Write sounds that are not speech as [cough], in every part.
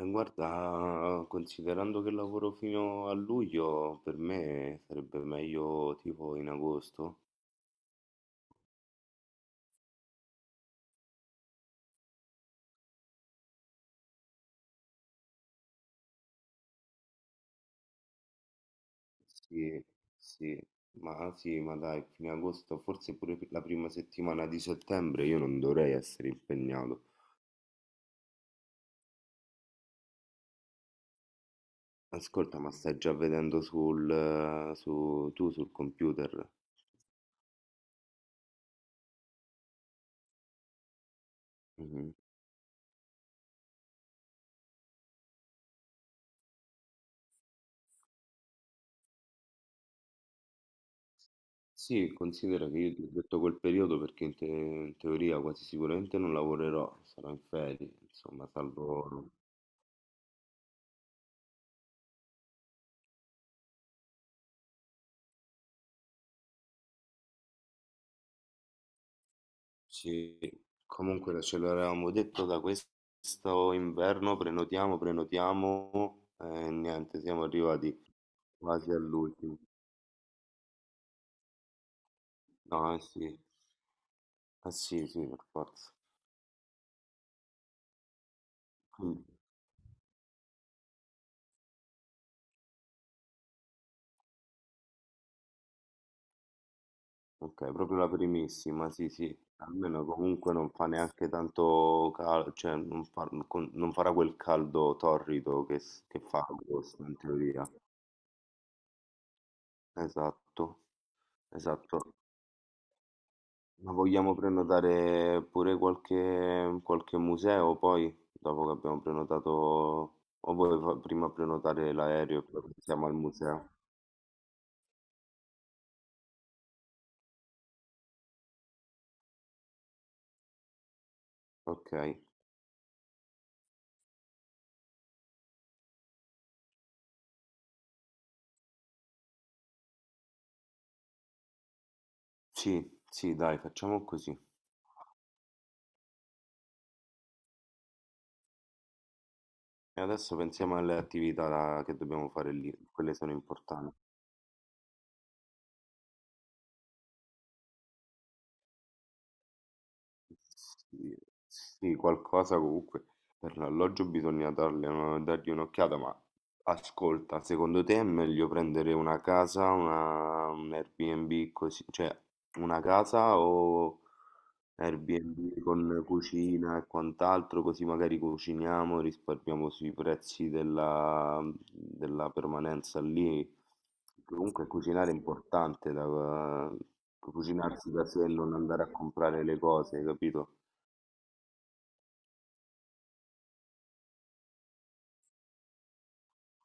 Guarda, considerando che lavoro fino a luglio, per me sarebbe meglio tipo in agosto. Sì, sì, sì, ma dai, fine agosto, forse pure la prima settimana di settembre io non dovrei essere impegnato. Ascolta, ma stai già vedendo su, tu sul computer? Mhm. Sì, considera che io ti ho detto quel periodo perché in teoria quasi sicuramente non lavorerò, sarò in ferie, insomma, salvo. Sì, comunque ce l'avevamo detto da questo inverno, prenotiamo e niente, siamo arrivati quasi all'ultimo. No, eh sì, sì, per forza. Quindi, ok, proprio la primissima, sì, sì. Almeno comunque non fa neanche tanto caldo, cioè non, fa- con- non farà quel caldo torrido che fa agosto in teoria. Esatto, esatto. Ma vogliamo prenotare pure qualche museo poi, dopo che abbiamo prenotato, o vuoi prima prenotare l'aereo e poi pensiamo al museo? Ok, sì, sì, dai, facciamo così. E adesso pensiamo alle attività che dobbiamo fare lì, quelle sono importanti. Sì, sì, qualcosa comunque per l'alloggio bisogna dargli un'occhiata, ma ascolta, secondo te è meglio prendere un Airbnb, così, cioè una casa o Airbnb con cucina e quant'altro, così magari cuciniamo, risparmiamo sui prezzi della, della permanenza lì. Comunque cucinare è importante, da, cucinarsi da sé e non andare a comprare le cose, capito?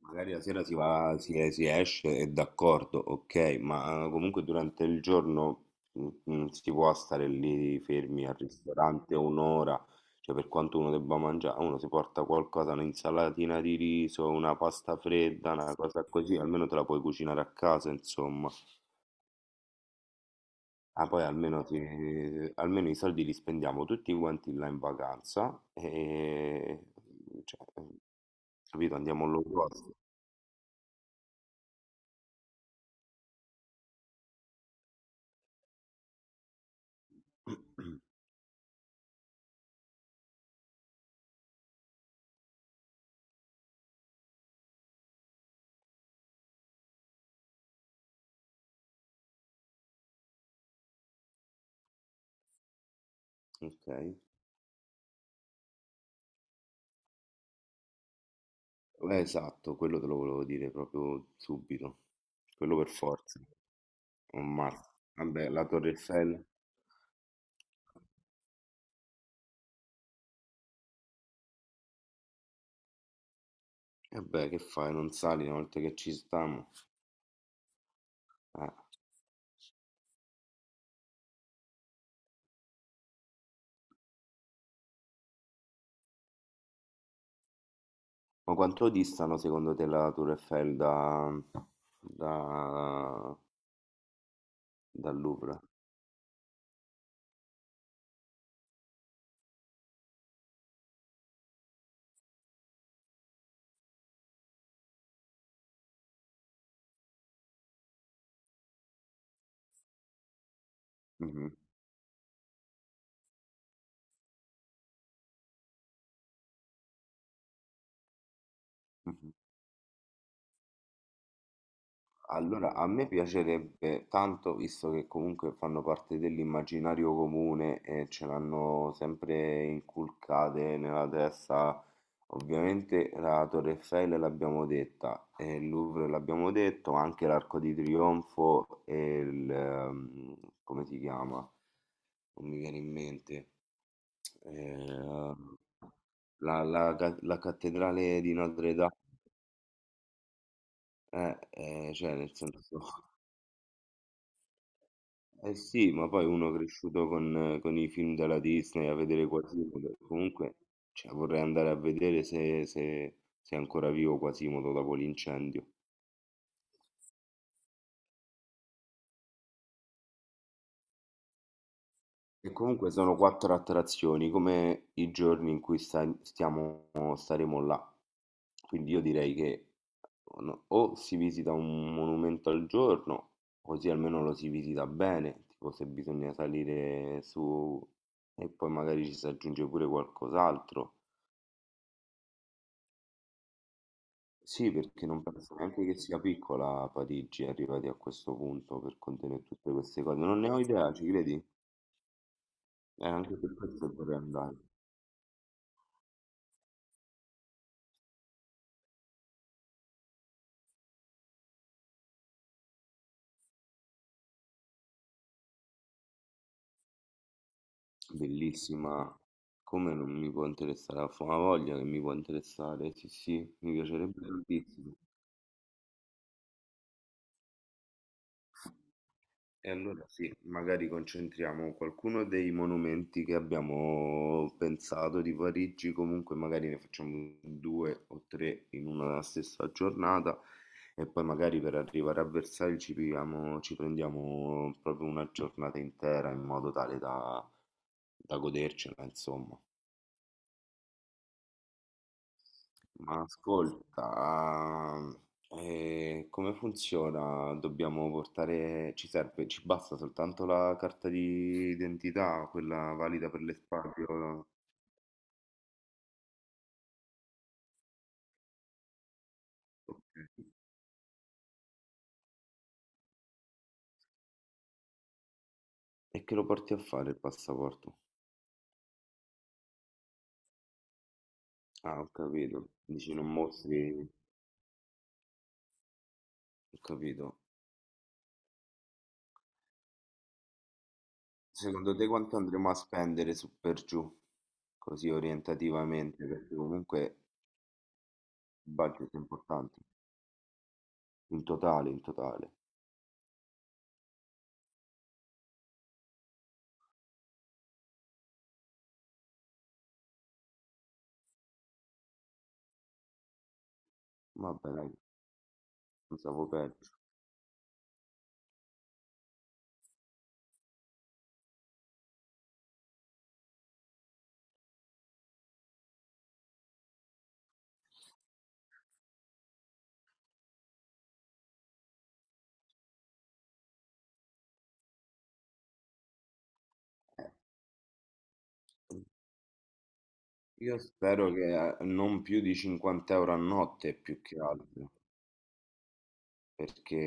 Magari la sera si va, si esce, è d'accordo, ok, ma comunque durante il giorno non si può stare lì fermi al ristorante un'ora, cioè per quanto uno debba mangiare, uno si porta qualcosa, un'insalatina di riso, una pasta fredda, una cosa così, almeno te la puoi cucinare a casa, insomma. Ah, poi almeno, almeno i soldi li spendiamo tutti quanti là in vacanza e... Cioè, capito, andiamo all'opposto. [clears throat] Ok. Esatto, quello te lo volevo dire proprio subito. Quello per forza. Un mal. Vabbè, la Torre Eiffel. E beh, che fai? Non sali una volta che ci stiamo. Eh. Ma quanto distano secondo te la Torre Eiffel da, dal Louvre? Mhm, mhm. Allora, a me piacerebbe tanto, visto che comunque fanno parte dell'immaginario comune e ce l'hanno sempre inculcate nella testa, ovviamente la Torre Eiffel l'abbiamo detta, e il Louvre l'abbiamo detto, ma anche l'Arco di Trionfo e il... come si chiama? Non mi viene in mente. Eh, la cattedrale di Notre Dame, cioè nel senso... Eh sì, ma poi uno cresciuto con i film della Disney, a vedere Quasimodo, comunque, cioè, vorrei andare a vedere se è ancora vivo Quasimodo dopo l'incendio. E comunque sono quattro attrazioni, come i giorni in cui staremo là. Quindi io direi che no, o si visita un monumento al giorno, così almeno lo si visita bene, tipo se bisogna salire su e poi magari ci si aggiunge pure qualcos'altro. Sì, perché non penso neanche che sia piccola Parigi, arrivati a questo punto per contenere tutte queste cose. Non ne ho idea, ci credi? E anche per questo vorrei andare. Bellissima, come non mi può interessare la fama voglia che mi può interessare, sì, sì, mi piacerebbe tantissimo. E allora sì, magari concentriamo qualcuno dei monumenti che abbiamo pensato di Parigi, comunque magari ne facciamo due o tre in una stessa giornata e poi magari per arrivare a Versailles ci prendiamo proprio una giornata intera in modo tale da, da godercela, insomma. Ma ascolta, come funziona? Dobbiamo portare, ci serve, ci basta soltanto la carta di identità, quella valida per l'espatrio? Ok. E che lo porti a fare il passaporto? Ah, ho capito. Dici non mostri, ho capito. Secondo te quanto andremo a spendere su per giù? Così orientativamente, perché comunque il budget è importante. In totale, in totale. Vabbè, dai, pensavo peggio. Io spero che non più di 50 euro a notte, più che altro, perché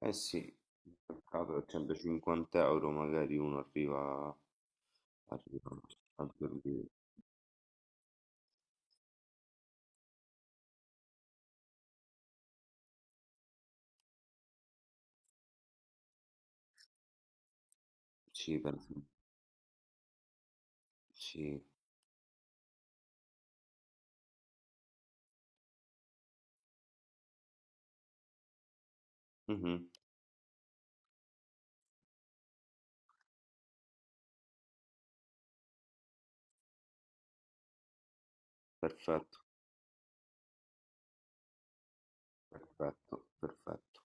eh sì, il mercato a 150 euro magari uno arriva, arriva a dormire. Sì, penso, sì. Mhm. Perfetto, perfetto, perfetto.